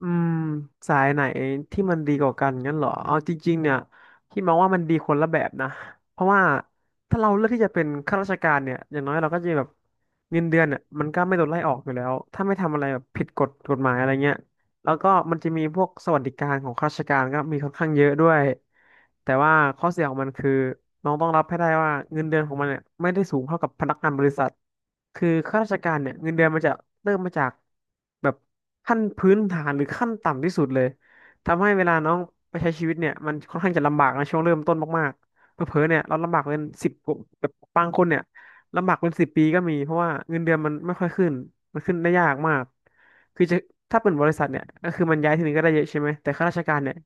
อืมสายไหนที่มันดีกว่ากันงั้นเหรอเอาจริงๆเนี่ยพี่มองว่ามันดีคนละแบบนะเพราะว่าถ้าเราเลือกที่จะเป็นข้าราชการเนี่ยอย่างน้อยเราก็จะแบบเงินเดือนเนี่ยมันก็ไม่โดนไล่ออกอยู่แล้วถ้าไม่ทำอะไรแบบผิดกฎกฎหมายอะไรเงี้ย แล้วก็มันจะมีพวกสวัสดิการของข้าราชการก็มีค่อนข้างเยอะด้วยแต่ว่าข้อเสียของมันคือน้องต้องรับให้ได้ว่าเงินเดือนของมันเนี่ยไม่ได้สูงเท่ากับพนักงานบริษัทคือข้าราชการเนี่ยเงินเดือนมันจะเริ่มมาจากแบบขั้นพื้นฐานหรือขั้นต่ำที่สุดเลยทำให้เวลาน้องไปใช้ชีวิตเนี่ยมันค่อนข้างจะลำบากในช่วงเริ่มต้นมากๆเผลอๆเนี่ยเราลำบากเป็นสิบแบบบางคนเนี่ยลำบากเป็นสิบปีก็มีเพราะว่าเงินเดือนมันไม่ค่อยขึ้นมันขึ้นได้ยากมาก คือจะถ้าเป็นบริษัทเนี่ยก็คือมันย้ายทีนึงก็ได้เยอะใช่ไหมแต่ข้าราชการเนี่ย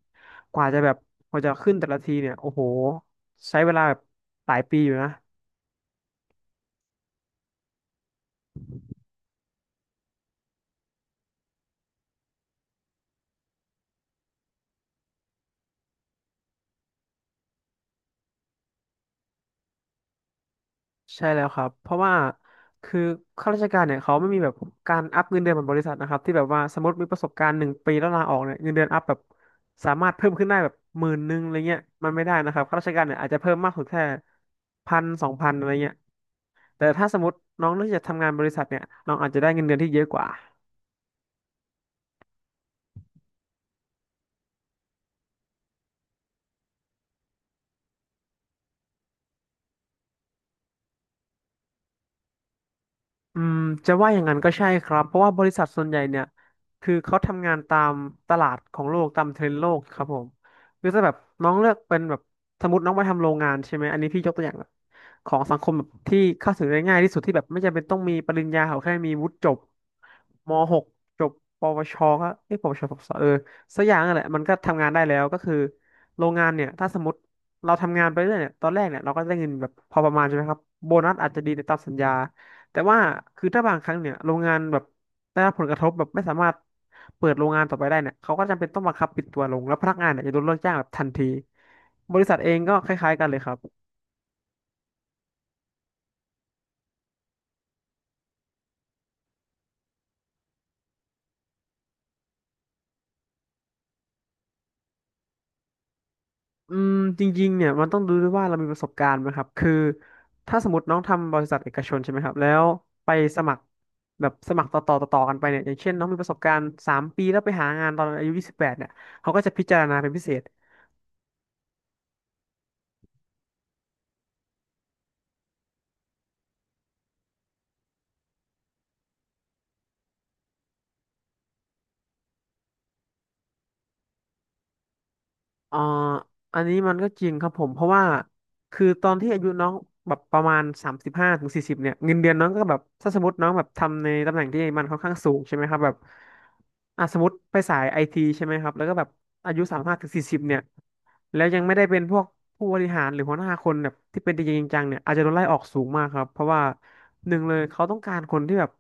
กว่าจะแบบกว่าจะขึ้นแต่ละทีเนี่ยโอ้โหใช้เวลาแบบหลายปีอยู่นะใช่แล้วครับเพราะว่าคือข้าราชการเนี่ยเขาไม่มีแบบการอัพเงินเดือนเหมือนบริษัทนะครับที่แบบว่าสมมติมีประสบการณ์1 ปีแล้วลาออกเนี่ยเงินเดือนอัพแบบสามารถเพิ่มขึ้นได้แบบหมื่นหนึ่งอะไรเงี้ยมันไม่ได้นะครับข้าราชการเนี่ยอาจจะเพิ่มมากสุดแค่พันสองพันอะไรเงี้ยแต่ถ้าสมมติน้องเลือกจะทำงานบริษัทเนี่ยน้องอาจจะได้เงินเดือนที่เยอะกว่า อืมจะว่าอย่างนั้นก็ใช่ครับเพราะว่าบริษัทส่วนใหญ่เนี่ยคือเขาทำงานตามตลาดของโลกตามเทรนด์โลกครับผมคือถ้าแบบน้องเลือกเป็นแบบสมมติน้องมาทำโรงงานใช่ไหมอันนี้พี่ยกตัวอย่างแบบของสังคมแบบที่เข้าถึงได้ง่ายที่สุดที่แบบไม่จำเป็นต้องมีปริญญาเขาแค่มีวุฒิจบม .6 จบปวชก็เอ้ยปวชปวสสักอย่างนั่นแหละมันก็ทำงานได้แล้วก็คือโรงงานเนี่ยถ้าสมมติเราทำงานไปเรื่อยเนี่ยตอนแรกเนี่ยเราก็ได้เงินแบบพอประมาณใช่ไหมครับโบนัสอาจจะดีในตามสัญญา แต่ว่าคือถ้าบางครั้งเนี่ยโรงงานแบบได้รับผลกระทบแบบไม่สามารถเปิดโรงงานต่อไปได้เนี่ยเขาก็จำเป็นต้องบังคับปิดตัวลงแล้วพนักงานเนี่ยจะโดนเลิกจ้างแบบทันทีบริษัทเองก็คล้ายๆกันเลยครับอืมจริงๆเนี่ยมันต้องดูด้วยว่าเรามีประสบการณ์ไหมครับคือถ้าสมมติน้องทำบริษัทเอกชนใช่ไหมครับแล้วไปสมัครแบบสมัครต่อต่อต่อต่อกันไปเนี่ยอย่างเช่นน้องมีประสบการณ์3 ปีแล้วไปหางานตอนอายุ28เนี่ยเขาก็จะพิจารณาเป็นพิเศษ อ่าอันนี้มันก็จริงครับผมเพราะว่าคือตอนที่อายุน้องแบบประมาณ35 ถึง 40เนี่ยเงินเดือนน้องก็แบบถ้าสมมติน้องแบบทำในตำแหน่งที่มันค่อนข้างสูงใช่ไหมครับแบบอ่ะสมมติไปสายไอทีใช่ไหมครับแล้วก็แบบอายุสามห้าถึงสี่สิบเนี่ยแล้วยังไม่ได้เป็นพวกผู้บริหารหรือหัวหน้าคนแบบที่เป็นจริงๆจังๆเนี่ยอาจจะโดนไล่ออกสูงมากครับเพราะว่าหนึ่งเลยเขาต้องการคนที่แบบ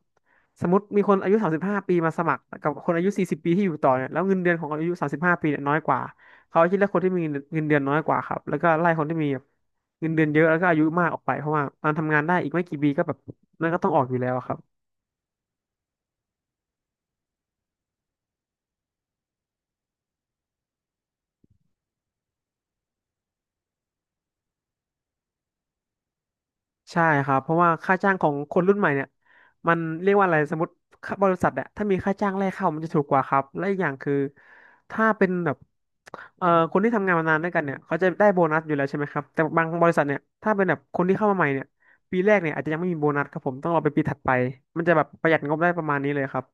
สมมติมีคนอายุสามสิบห้าปีมาสมัครกับคนอายุ40 ปีที่อยู่ต่อเนี่ยแล้วเงินเดือนของคนอายุสามสิบห้าปีเนี่ยน้อยกว่า เขาคิดเลือกคนที่มีเงินเดือนน้อยกว่าครับแล้วก็ไล่คนที่มีแบบเงินเดือนเยอะแล้วก็อายุมากออกไปเพราะว่ามันทำงานได้อีกไม่กี่ปีก็แบบนั่นก็ต้องออกอยู่แล้วครับใช่ครับเพราะว่าค่าจ้างของคนรุ่นใหม่เนี่ยมันเรียกว่าอะไรสมมติค่าบริษัทอะถ้ามีค่าจ้างแรกเข้ามันจะถูกกว่าครับและอีกอย่างคือถ้าเป็นแบบคนที่ทำงานมานานด้วยกันเนี่ยเขาจะได้โบนัสอยู่แล้วใช่ไหมครับแต่บางบริษัทเนี่ยถ้าเป็นแบบคนที่เข้ามาใหม่เนี่ยปีแรกเนี่ยอาจจะยังไม่มีโบนัสครับผมต้องรอไปปีถัดไปมันจะแบบประหยัดงบได้ประมาณนี้เลยครับ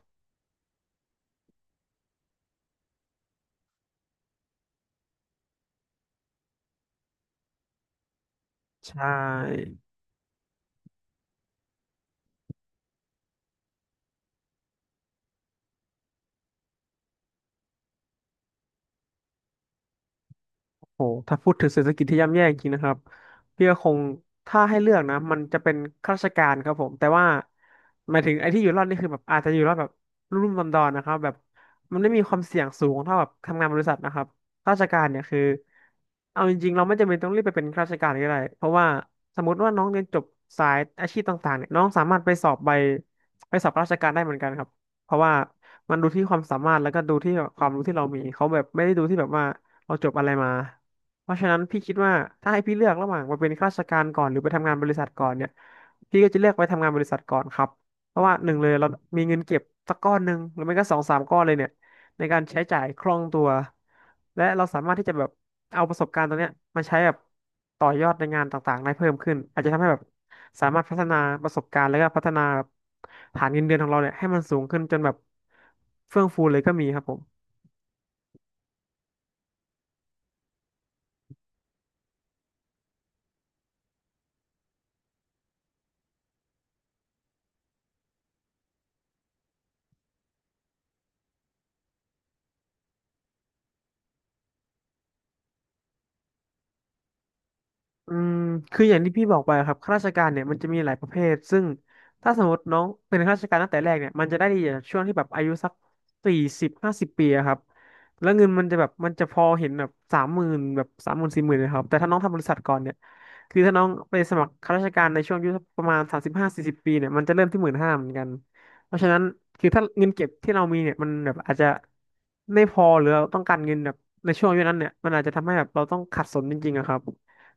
ใช่ โหถ้าพูดถึงเศรษฐกิจที่ย่ำแย่จริงนะครับพี่ก็คงถ้าให้เลือกนะ มันจะเป็นข้าราชการครับผม แต่ว่าหมายถึงไอ้ที่อยู่รอดนี่คือแบบอาจจะอยู่รอดแบบรุ่มๆดอนๆนะครับ แบบมันไม่มีความเสี่ยงสูงเท่าแบบทำงานบริษัทนะครับข้าราชการเนี่ยคือ เอาจริงๆเราไม่จำเป็นต้องรีบไปเป็นข้าราชการก็ได้เพราะว่าสมมติว่าน้องเรียนจบสายอาชีพต่างๆเนี่ยน้องสามารถไปสอบราชการได้เหมือนกันครับเพราะว่ามันดูที่ความสามารถแล้วก็ดูที่แบบความรู้ที่เรามีเขาแบบไม่ได้ดูที่แบบว่าเราจบอะไรมา เพราะฉะนั้นพี่คิดว่าถ้าให้พี่เลือกระหว่างมาเป็นข้าราชการก่อนหรือไปทำงานบริษัทก่อนเนี่ยพี่ก็จะเลือกไปทำงานบริษัทก่อนครับเพราะว่าหนึ่งเลยเรามีเงินเก็บสักก้อนหนึ่งหรือไม่ก็สองสามก้อนเลยเนี่ยในการใช้จ่ายคล่องตัวและเราสามารถที่จะแบบเอาประสบการณ์ตรงเนี้ยมาใช้แบบต่อยอดในงานต่างๆได้เพิ่มขึ้นอาจจะทำให้แบบสามารถพัฒนาประสบการณ์แล้วก็พัฒนาฐานเงินเดือนของเราเนี่ยให้มันสูงขึ้นจนแบบเฟื่องฟูเลยก็มีครับผม อืมคืออย่างที่พี่บอกไปครับข้าราชการเนี่ยมันจะมีหลายประเภทซึ่งถ้าสมมติน้องเป็นข้าราชการตั้งแต่แรกเนี่ยมันจะได้ดีจากช่วงที่แบบอายุสักสี่สิบห้าสิบปีอะครับแล้วเงินมันจะแบบมันจะพอเห็นแบบสามหมื่นแบบสามหมื่นสี่หมื่นนะครับแต่ถ้าน้องทำบริษัทก่อนเนี่ยคือถ้าน้องไปสมัครข้าราชการในช่วงอายุสักประมาณสามสิบห้าสี่สิบปีเนี่ยมันจะเริ่มที่หมื่นห้าเหมือนกันเพราะฉะนั้นคือถ้าเงินเก็บที่เรามีเนี่ยมันแบบอาจจะไม่พอหรือเราต้องการเงินแบบในช่วงอายุนั้นเนี่ยมันอาจจะทำให้แบบเราต้องขัดสนจริงๆอะครับ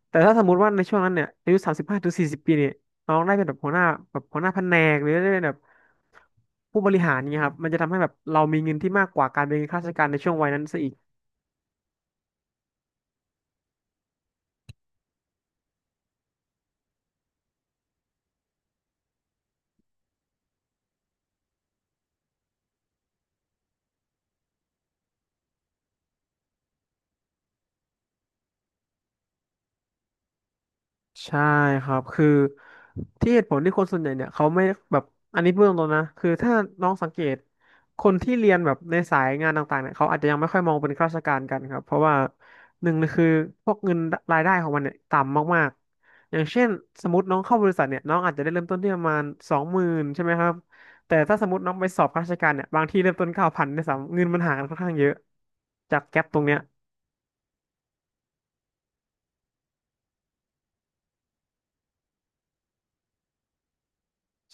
แต่ถ้าสมมติว่าในช่วงนั้นเนี่ยอายุสามสิบห้าถึงสี่สิบปีเนี่ยน้องได้เป็นแบบหัวหน้าแบบหัวหน้าแผนกหรือได้เป็นแบบผู้บริหารเนี่ยครับมันจะทำให้แบบเรามีเงินที่มากกว่าการเป็นข้าราชการในช่วงวัยนั้นซะอีก ใช่ครับ คือที่เหตุผลที่คนส่วนใหญ่เนี่ยเขาไม่แบบ อันนี้เบื้องต้นนะคือถ้าน้องสังเกตคนที่เรียนแบบในสายงานต่างๆเนี่ยเขาอาจจะยังไม่ค่อยมองเป็นข้าราชการกันครับ เพราะว่าหนึ่งเลยคือพวกเงินรายได้ของมันเนี่ยต่ำมากๆ อย่างเช่นสมมติน้องเข้าบริษัทเนี่ยน้องอาจจะได้เริ่มต้นที่ประมาณสองหมื่นใช่ไหมครับแต่ถ้าสมมติน้องไปสอบข้าราชการเนี่ยบางที่เริ่มต้นเก้าพันด้สามเงินมันห่างกันค่อนข้างเยอะจากแก๊ปตรงเนี้ย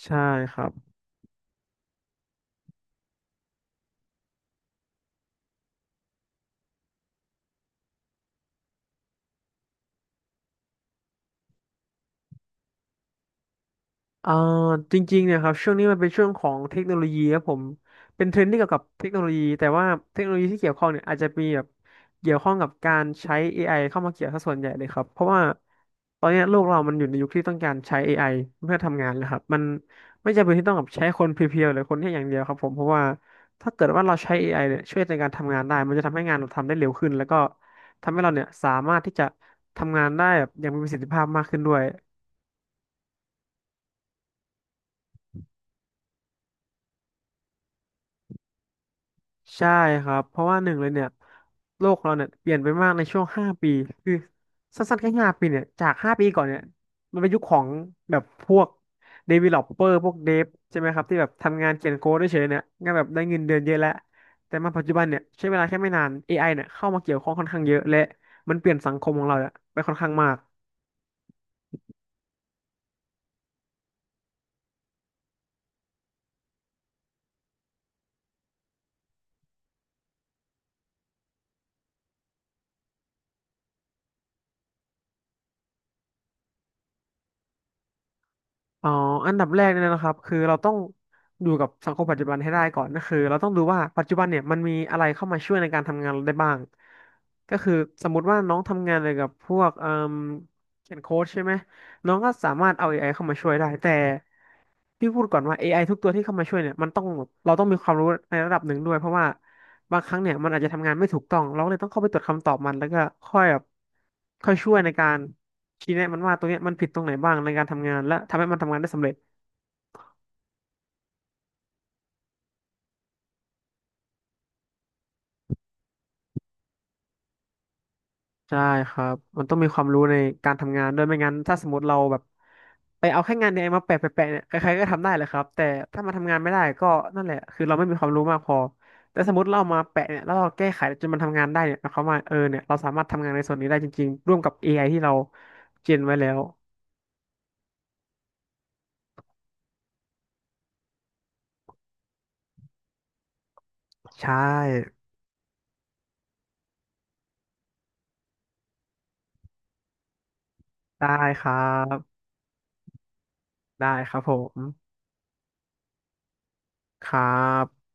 ใช่ครับ เอ่อจริงๆเนี่ยครับช่วงนี้มันเป็นช่วงของเทคโนโลยีครับผมเป็นเทรนด์ที่เกี่ยวกับเทคโนโลยีแต่ว่าเทคโนโลยีที่เกี่ยวข้องเนี่ยอาจจะมีแบบเกี่ยวข้องกับการใช้ AI เข้ามาเกี่ยวซะส่วนใหญ่เลยครับเพราะว่าตอนเนี้ยโลกเรามันอยู่ในยุคที่ต้องการใช้ AI เพื่อทำงานนะครับมันไม่จำเป็นที่ต้องแบบใช้คนเพียวๆหรือคนแค่อย่างเดียวครับผมเพราะว่าถ้าเกิดว่าเราใช้เอไอเนี่ยช่วยในการทำงานได้มันจะทำให้งานเราทำได้เร็วขึ้นแล้วก็ทำให้เราเนี่ยสามารถที่จะทำงานได้แบบอย่างมีประสิทธิภาพมากขึ้นด้วย ใช่ครับเพราะว่าหนึ่งเลยเนี่ยโลกเราเนี่ยเปลี่ยนไปมากในช่วงห้าปีคือสั้นๆแค่ห้าปีเนี่ยจากห้าปีก่อนเนี่ยมันเป็นยุคของแบบพวก developer พวกเดฟใช่ไหมครับที่แบบทำงานเขียนโค้ดเฉยๆเนี่ยงานแบบได้เงินเดือนเยอะแล้วแต่มาปัจจุบันเนี่ยใช้เวลาแค่ไม่นาน AI เนี่ยเข้ามาเกี่ยวข้องค่อนข้างเยอะและมันเปลี่ยนสังคมของเราเนี่ยไปค่อนข้างมาก อ๋ออันดับแรกเนี่ยนะครับคือเราต้องอยู่กับสังคมปัจจุบันให้ได้ก่อนก็คือเราต้องดูว่าปัจจุบันเนี่ยมันมีอะไรเข้ามาช่วยในการทำงานเราได้บ้างก็คือสมมุติว่าน้องทำงานเกี่ยวกับพวกเอ่มเขียนโค้ดใช่ไหมน้องก็สามารถเอา อไอเข้ามาช่วยได้แต่พี่พูดก่อนว่า AI ทุกตัวที่เข้ามาช่วยเนี่ยมันต้องเราต้องมีความรู้ในระดับหนึ่งด้วยเพราะว่า บางครั้งเนี่ยมันอาจจะทำงานไม่ถูกต้องเราก็เลยต้องเข้าไปตรวจคำตอบมันแล้วก็ค่อยแบบค่อยช่วยในการชี้แนะมันว่าตรงเนี้ยมันผิดตรงไหนบ้างในการทำงานและทำให้มันทำงานได้สำเร็จใช่ครับมันต้องมีความรู้ในการทำงานด้วยไม่งั้นถ้าสมมติเราแบบไปเอาแค่งานในไอมาแปะเนี่ยใครๆก็ทำได้แหละครับแต่ถ้ามาทำงานไม่ได้ก็นั่นแหละคือเราไม่มีความรู้มากพอแต่สมมติเราเอามาแปะเนี่ยแล้วเราแก้ไขจนมันทำงานได้เนี่ยหมายความว่าเออเนี่ยเราสามารถทำงานในส่วนนี้ได้จริงๆร่วมกับเอไอที่เราเจนไว้แล้วใช่ ได้ครับ ได้ครับผม ครับ